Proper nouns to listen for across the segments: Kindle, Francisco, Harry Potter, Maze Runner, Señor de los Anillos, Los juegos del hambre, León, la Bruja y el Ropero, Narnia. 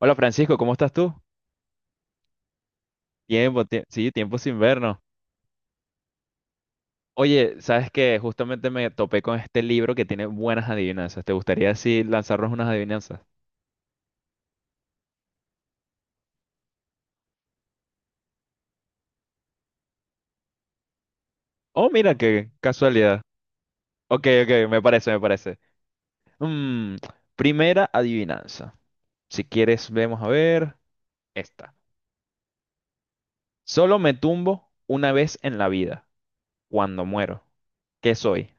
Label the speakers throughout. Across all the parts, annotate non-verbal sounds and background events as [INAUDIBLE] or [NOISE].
Speaker 1: Hola Francisco, ¿cómo estás tú? Sí, tiempo sin vernos. Oye, sabes que justamente me topé con este libro que tiene buenas adivinanzas. ¿Te gustaría así lanzarnos unas adivinanzas? Oh, mira qué casualidad. Ok, ok, me parece, me parece. Mm, Primera adivinanza. Si quieres, vemos a ver esta. Solo me tumbo una vez en la vida, cuando muero. ¿Qué soy?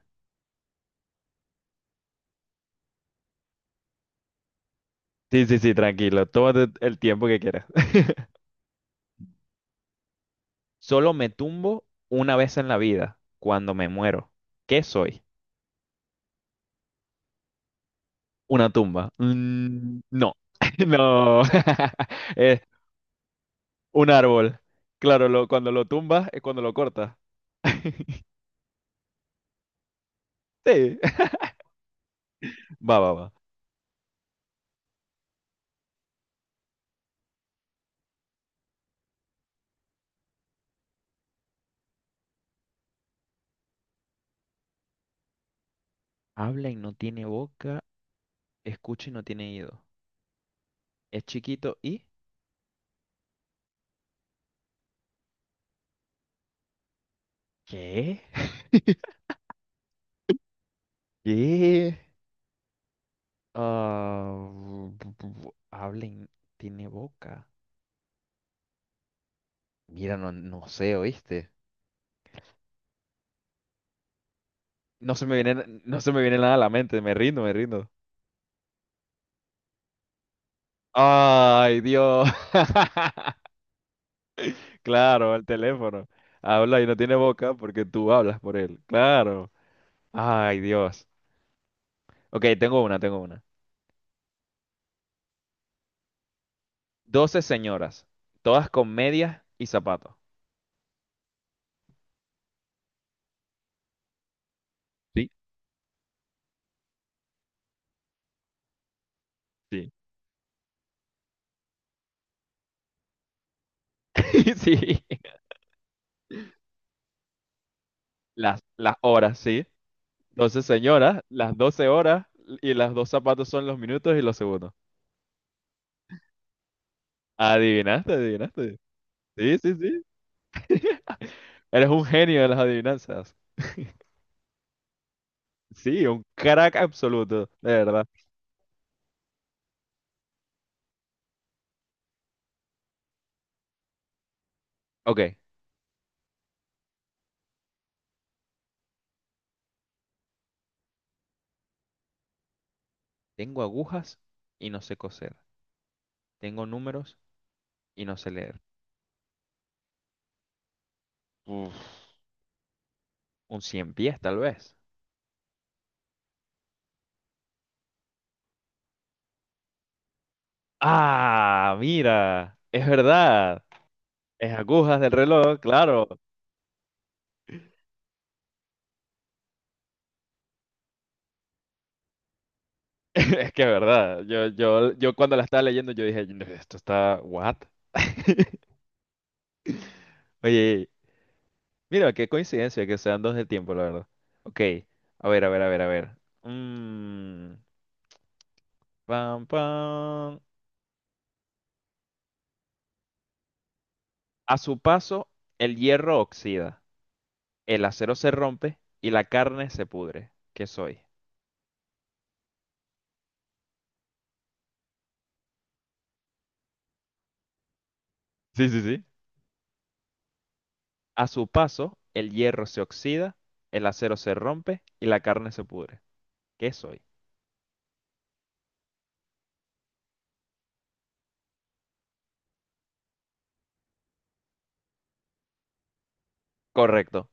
Speaker 1: Sí, sí, sí, tranquilo. Tómate el tiempo que quieras. [LAUGHS] Solo me tumbo una vez en la vida, cuando me muero. ¿Qué soy? Una tumba. Mm, no, [LAUGHS] no. [LAUGHS] Es un árbol. Claro, cuando lo tumbas es cuando lo cortas. [LAUGHS] Sí. Va, va, va. Habla y no tiene boca, escucha y no tiene oído. Es chiquito y. ¿Qué? [LAUGHS] ¿Qué? Ah, habla y tiene boca. Mira, no, no sé, ¿oíste? No se me viene, no se me viene nada a la mente, me rindo, me rindo. Ay, Dios. [LAUGHS] Claro, el teléfono. Habla y no tiene boca porque tú hablas por él. Claro. Ay, Dios. Ok, tengo una, tengo una. 12 señoras, todas con medias y zapatos. Sí, sí. [LAUGHS] Sí, las horas, sí. Doce señoras, las 12 horas y las dos zapatos son los minutos y los segundos. Adivinaste, adivinaste. Sí, sí, sí. Eres un genio de las adivinanzas. [LAUGHS] Sí, un crack absoluto, de verdad. Ok, tengo agujas y no sé coser. Tengo números y no sé leer. Uf, un cien pies, tal vez. Ah, mira, es verdad. Es agujas del reloj, claro. [LAUGHS] Es que es verdad. Yo cuando la estaba leyendo, yo dije, "No, esto está, what? [LAUGHS] Oye, mira, qué coincidencia que sean dos de tiempo, la verdad. Ok, a ver, a ver, a ver, a ver. Mm, Pam, pam. A su paso, el hierro oxida, el acero se rompe y la carne se pudre. ¿Qué soy? Sí, sí, sí. A su paso, el hierro se oxida, el acero se rompe y la carne se pudre. ¿Qué soy? Correcto.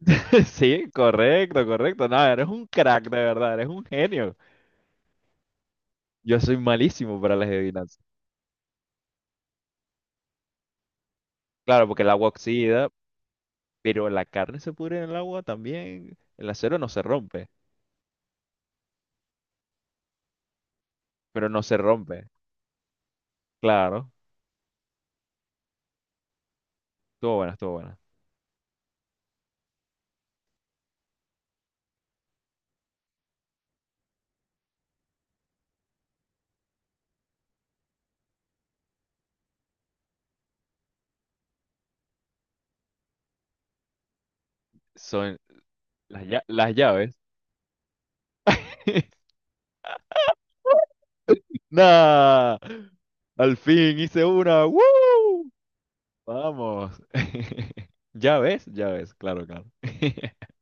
Speaker 1: [LAUGHS] Sí, correcto, correcto. No, eres un crack, de verdad, eres un genio. Yo soy malísimo para las adivinanzas. Claro, porque el agua oxida, pero la carne se pudre en el agua también. El acero no se rompe, pero no se rompe. Claro, estuvo buena, estuvo buena. Son, las llaves. [LAUGHS] ¡Nah! Al fin hice una. ¡Woo! Vamos. [LAUGHS] Llaves, llaves, claro, claro. [LAUGHS]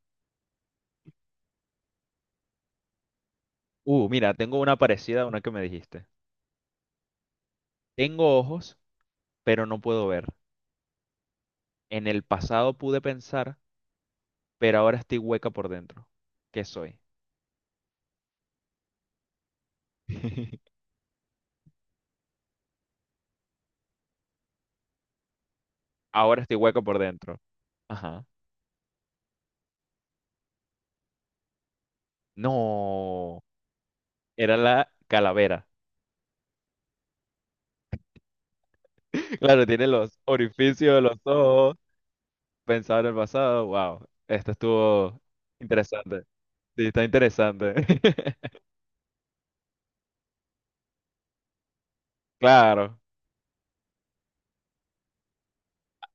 Speaker 1: Mira, tengo una parecida a una que me dijiste. Tengo ojos, pero no puedo ver. En el pasado pude pensar, pero ahora estoy hueca por dentro. ¿Qué soy? [LAUGHS] Ahora estoy hueca por dentro. Ajá. No, era la calavera. [LAUGHS] Claro, tiene los orificios de los ojos. Pensado en el pasado, wow, esto estuvo interesante. Sí, está interesante. [LAUGHS] Claro.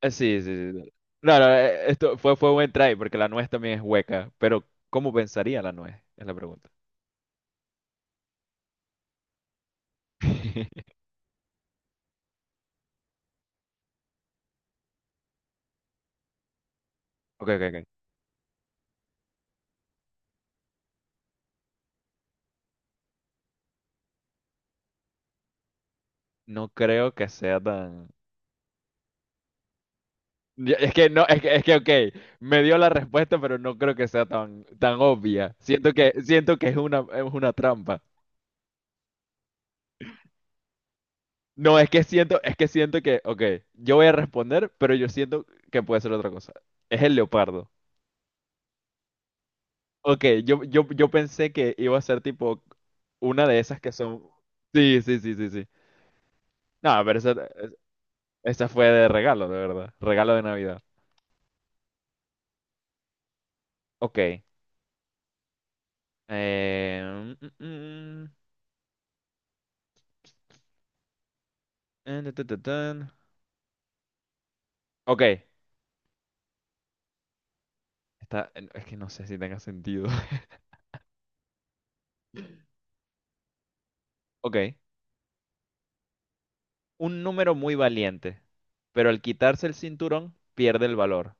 Speaker 1: Sí, sí, sí. No, no, esto fue buen try porque la nuez también es hueca, pero ¿cómo pensaría la nuez? Es la pregunta. [LAUGHS] Ok, ok, ok. No creo que sea tan. Es que no, ok, me dio la respuesta, pero no creo que sea tan, tan obvia. Siento que es una trampa. No, es que siento que, ok, yo voy a responder, pero yo siento que puede ser otra cosa. Es el leopardo. Ok, yo pensé que iba a ser tipo una de esas que son. Sí, sí, sí, sí, sí. No, pero esa fue de regalo, de verdad. Regalo de Navidad. Ok. Eh... mm, mm, ta, ta, ta, tan. Ok. Es que no sé si tenga sentido. [LAUGHS] Ok. Un número muy valiente, pero al quitarse el cinturón pierde el valor.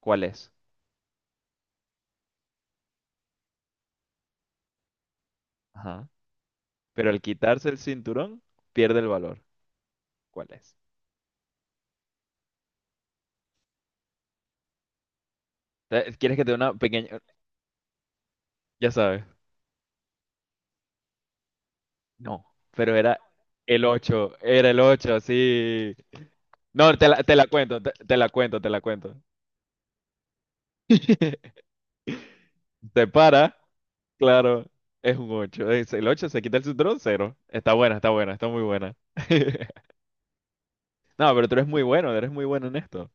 Speaker 1: ¿Cuál es? Ajá. Pero al quitarse el cinturón pierde el valor. ¿Cuál es? ¿Quieres que te dé una pequeña? Ya sabes. No, pero era el 8, sí. No, te la cuento, te la cuento, te la cuento. [LAUGHS] Se para, claro, es un 8. Es el 8 se quita el cinturón, cero. Está buena, está buena, está muy buena. [LAUGHS] No, pero tú eres muy bueno en esto.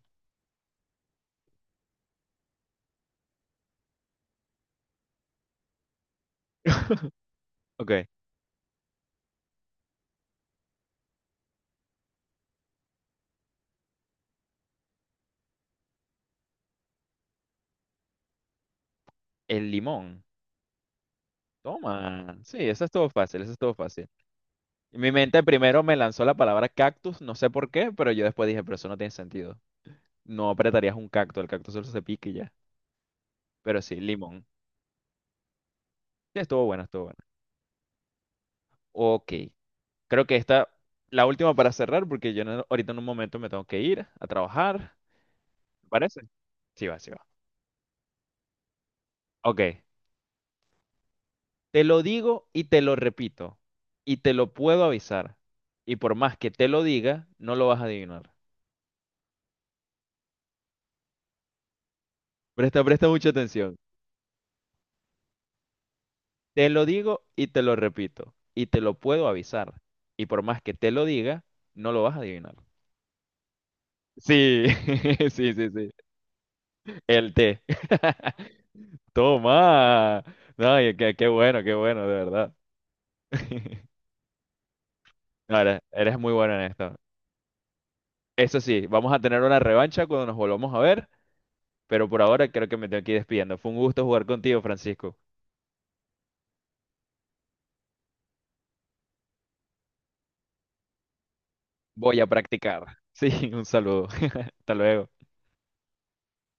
Speaker 1: Ok, el limón. Toma. Sí, eso es todo fácil, eso es todo fácil. Mi mente primero me lanzó la palabra cactus, no sé por qué, pero yo después dije, pero eso no tiene sentido. No apretarías un cactus, el cactus solo se pica y ya. Pero sí, limón. Sí, estuvo buena, estuvo buena. Ok, creo que esta, la última para cerrar, porque yo no- ahorita en un momento me tengo que ir a trabajar. ¿Te parece? Sí va, sí va. Ok, te lo digo y te lo repito, y te lo puedo avisar. Y por más que te lo diga, no lo vas a adivinar. Presta mucha atención. Te lo digo y te lo repito, y te lo puedo avisar. Y por más que te lo diga, no lo vas a adivinar. Sí, [LAUGHS] sí, sí, sí. El té. [LAUGHS] Toma. No, y qué bueno, de verdad. [LAUGHS] No, eres muy bueno en esto. Eso sí, vamos a tener una revancha cuando nos volvamos a ver, pero por ahora creo que me tengo que ir despidiendo. Fue un gusto jugar contigo, Francisco. Voy a practicar. [LAUGHS] Sí, un saludo. [LAUGHS] Hasta luego.